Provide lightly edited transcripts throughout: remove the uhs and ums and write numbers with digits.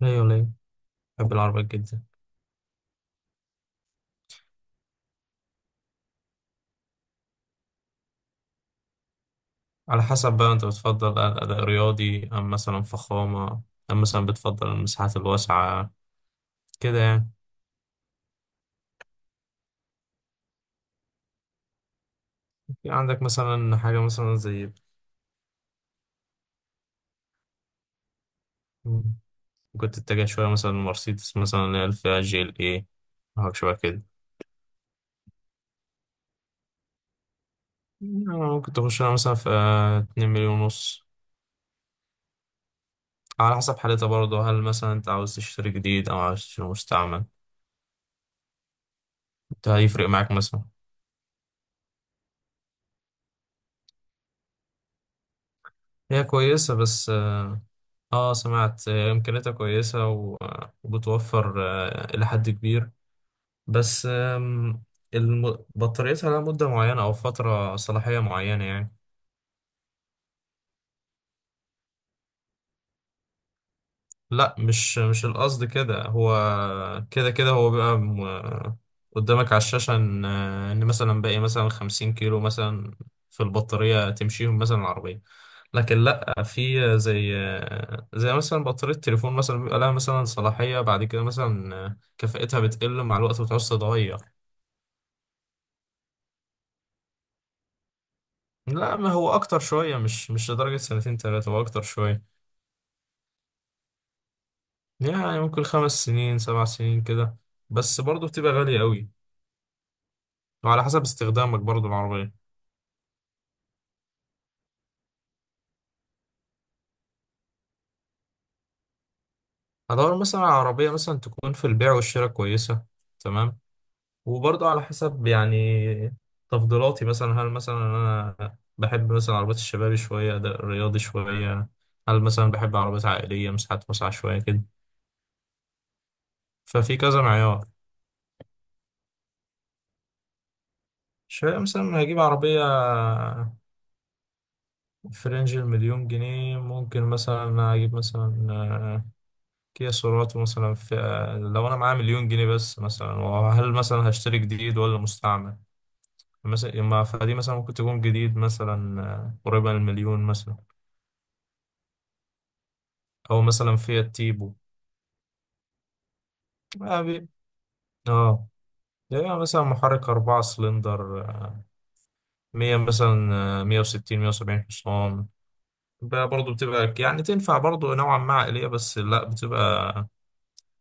لا ولا، بحب العربيات جدا. على حسب بقى، انت بتفضل اداء رياضي ام مثلا فخامه، ام مثلا بتفضل المساحات الواسعه؟ كده يعني. في عندك مثلا حاجه مثلا زي؟ مم. ممكن تتجه شويه مثلا مرسيدس، مثلا اللي هي الفئه GLE، حاجه شويه كده. يعني ممكن تخش لها مثلا في 2 مليون ونص. على حسب حالتها برضه، هل مثلا انت عاوز تشتري جديد او عاوز تشتري مستعمل؟ ده هيفرق معاك مثلا. هي كويسه بس اه سمعت امكانياتها كويسه وبتوفر الى حد كبير. بس بطاريتها لها مده معينه او فتره صلاحيه معينه يعني. لا، مش القصد كده هو. كده كده هو بيبقى قدامك على الشاشة إن مثلا باقي مثلا 50 كيلو مثلا في البطارية، تمشيهم مثلا العربية. لكن لأ، في زي زي مثلا بطارية التليفون مثلا، بيبقى لها مثلا صلاحية بعد كده مثلا كفاءتها بتقل مع الوقت وتعوز تتغير. لا، ما هو أكتر شوية، مش لدرجة سنتين تلاتة، هو أكتر شوية. يعني ممكن 5 سنين 7 سنين كده. بس برضه بتبقى غالية أوي. وعلى حسب استخدامك برضو العربية. هدور مثلا على عربية مثلا تكون في البيع والشراء كويسة. تمام. وبرضو على حسب يعني تفضيلاتي، مثلا هل مثلا أنا بحب مثلا عربيات الشباب شوية ده رياضي شوية، هل مثلا بحب عربيات عائلية مساحات واسعة شوية كده. ففي كذا معيار. شوية مثلا هجيب عربية في رينج المليون جنيه، ممكن مثلا أجيب مثلا كيا سيراتو مثلا في. لو انا معايا مليون جنيه بس مثلا، وهل مثلا هشتري جديد ولا مستعمل مثلا، ما فدي مثلا ممكن تكون جديد مثلا قريبة من المليون مثلا. او مثلا فيات تيبو. اه آه. يعني مثلا محرك 4 سلندر 100 مثلا 160 170 حصان. بقى برضه بتبقى يعني تنفع برضه نوعا ما عائلية، بس لا بتبقى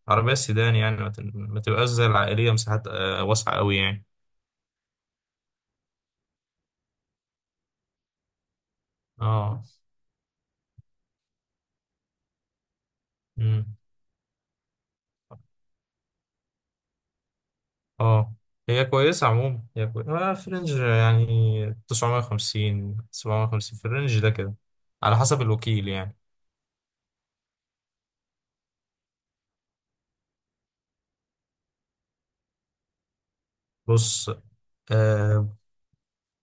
عربية سيدان يعني. ما تبقاش زي العائلية مساحات واسعة أوي يعني. اه اه، هي كويسة عموما، هي كويسة في رينج يعني 950 750، في الرينج ده كده. على حسب الوكيل يعني. بص آه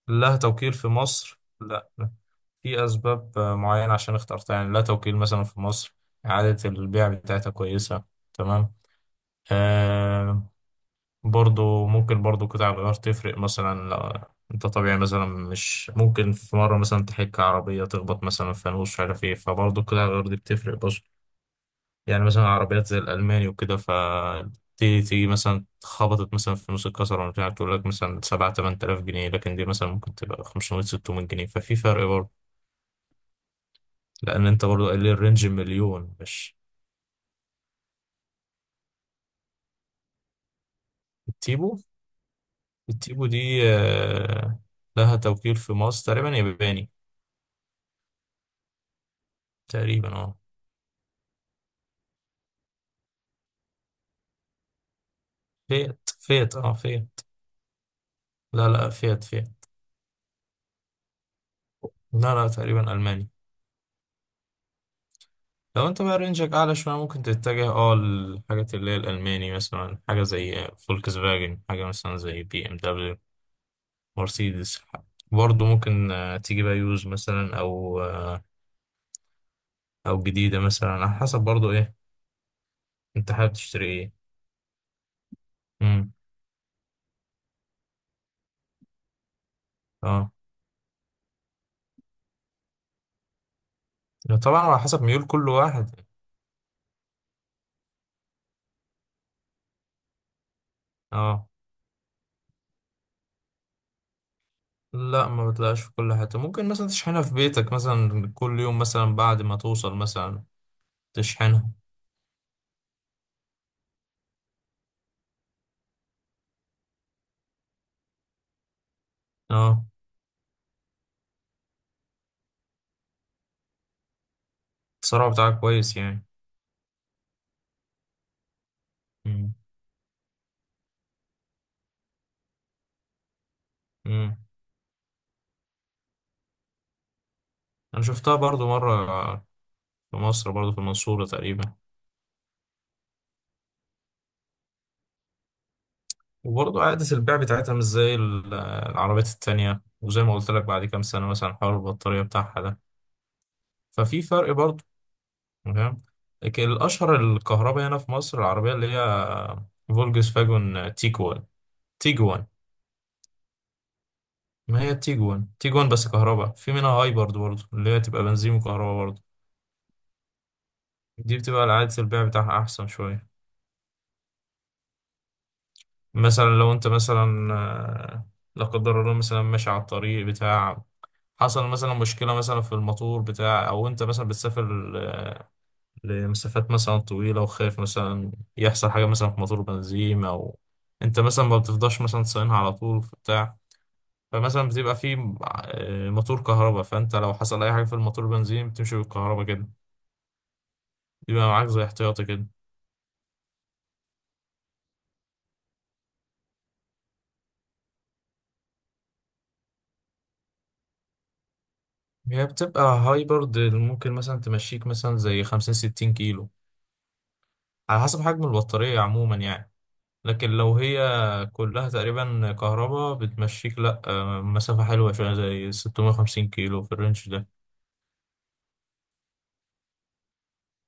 لها توكيل في مصر. لا لا. في أسباب معينة عشان اخترتها يعني، لها توكيل مثلا في مصر. إعادة البيع بتاعتها كويسة. تمام. آه برضو ممكن برضو قطع الغيار تفرق مثلا، لو انت طبيعي مثلا مش ممكن في مرة مثلا تحك عربية تخبط مثلا في فانوس مش عارف ايه، فبرضو قطع الغيار دي بتفرق. يعني مثلا عربيات زي الألماني وكده، تيجي تيجي مثلا اتخبطت مثلا في نص الكسر ولا بتاع، تقول لك مثلا سبعة تمن تلاف جنيه، لكن دي مثلا ممكن تبقى خمسمية ستمية جنيه، ففي فرق برضه. لأن أنت برضه قال لي الرينج مليون مش. التيبو. التيبو دي لها توكيل في مصر، تقريبا ياباني. تقريبا اه. فيت فيت اه فيت. لا لا فيت فيت. لا لا، تقريبا ألماني. لو انت بقى رينجك اعلى شويه، ممكن تتجه للحاجات اللي هي الالماني، مثلا حاجه زي فولكس فاجن، حاجه مثلا زي BMW مرسيدس. برضه ممكن تيجي بقى يوز مثلا، او او جديده مثلا، على حسب برضه ايه انت حابب تشتري ايه. امم. اه، طبعا على حسب ميول كل واحد. اه لا، ما بتلاقيش في كل حته، ممكن مثلا تشحنها في بيتك مثلا كل يوم مثلا بعد ما توصل مثلا تشحنها. اه السرعه بتاعك كويس يعني. امم. انا شفتها برضو مرة في مصر برضو، في المنصورة تقريبا. وبرضو عادة البيع بتاعتها مش زي العربيات التانية، وزي ما قلت لك بعد كام سنة مثلا حوار البطارية بتاعها ده. ففي فرق برضو. تمام. لكن الأشهر الكهرباء هنا في مصر العربية اللي هي فولكس فاجون تيجوان. تيجوان. ما هي تيجوان تيجوان بس كهرباء، في منها هايبرد برضو اللي هي تبقى بنزين وكهرباء برضو. دي بتبقى عادة البيع بتاعها أحسن شوية. مثلا لو أنت مثلا لا قدر الله مثلا ماشي على الطريق بتاع، حصل مثلا مشكلة مثلا في الموتور بتاع، أو أنت مثلا بتسافر لمسافات مثلا طويلة، وخايف مثلا يحصل حاجة مثلا في موتور بنزين، أو أنت مثلا ما بتفضاش مثلا تصينها على طول في بتاع، فمثلا بتبقى في موتور كهرباء، فأنت لو حصل أي حاجة في الموتور بنزين بتمشي بالكهرباء كده، بيبقى معاك زي احتياطي كده. هي بتبقى هايبرد، ممكن مثلا تمشيك مثلا زي 50-60 كيلو، على حسب حجم البطارية عموما يعني. لكن لو هي كلها تقريبا كهرباء، بتمشيك لأ مسافة حلوة شوية زي 650 كيلو في الرينج ده.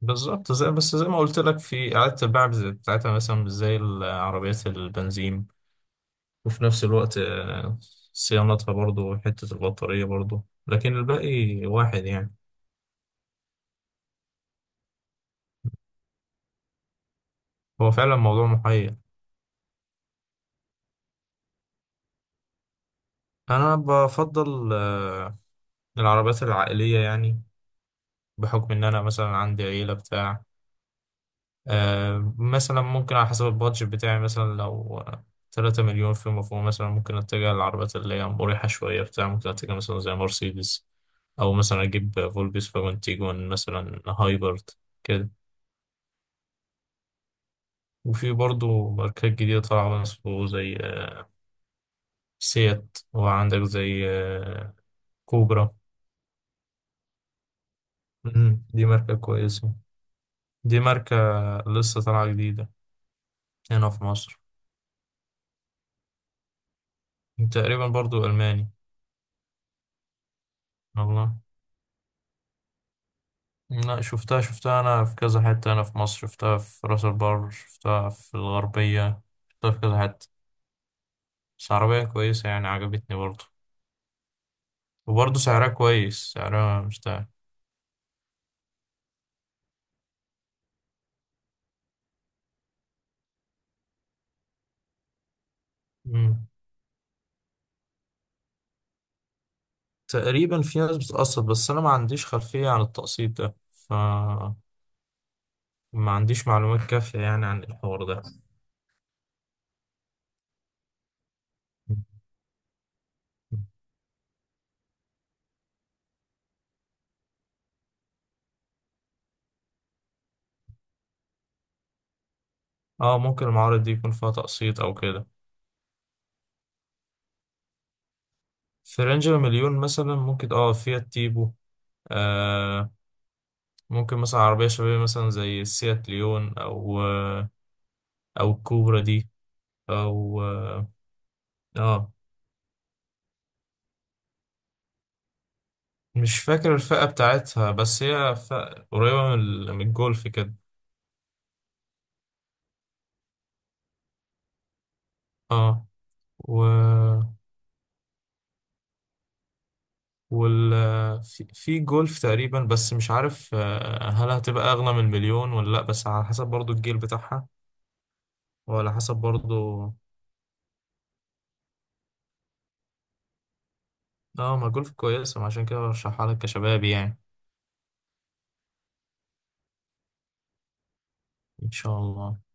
بالظبط زي بس، زي ما قلت لك، في إعادة البيع بتاعتها مثلا مش زي العربيات البنزين وفي نفس الوقت صيانتها برضو وحتة البطارية برضو، لكن الباقي واحد يعني. هو فعلا موضوع محير. أنا بفضل العربيات العائلية يعني، بحكم إن أنا مثلا عندي عيلة بتاع. مثلا ممكن على حسب البادجت بتاعي مثلا، لو 3 مليون في مفهوم مثلا، ممكن اتجه للعربيات اللي هي مريحة شوية بتاع، ممكن اتجه مثلا زي مرسيدس، أو مثلا أجيب فولبيس فاجون تيجون مثلا هايبرد كده. وفي برضو ماركات جديدة طالعة برضه، زي سيات، وعندك زي كوبرا. دي ماركة كويسة. دي ماركة لسه طالعة جديدة هنا في مصر، تقريبا برضو ألماني. والله. لا شفتها، شفتها أنا في كذا حتة، أنا في مصر شفتها في راس البر، شفتها في الغربية، شفتها في كذا حتة. بس عربية كويسة يعني، عجبتني برضه. وبرضه سعرها كويس، سعرها مش ده. مم. تقريبا في ناس بتقسط، بس أنا ما عنديش خلفية عن التقسيط ده، فما عنديش معلومات كافية يعني عن الحوار ده. مم. اه ممكن المعارض دي يكون فيها تقسيط أو كده. في رينج المليون مثلا ممكن فيها تيبو آه، ممكن مثلا عربية شبابية مثلا زي السيات ليون، أو أو الكوبرا دي، أو آه، مش فاكر الفئة بتاعتها، بس هي فئة قريبة من من الجولف كده. اه، و وال في في جولف تقريبا، بس مش عارف هل هتبقى أغلى من المليون ولا لأ، بس على حسب برضو الجيل بتاعها، وعلى حسب برضو. اه، ما جولف كويسة ما عشان كده برشحها لك كشباب يعني. إن شاء الله.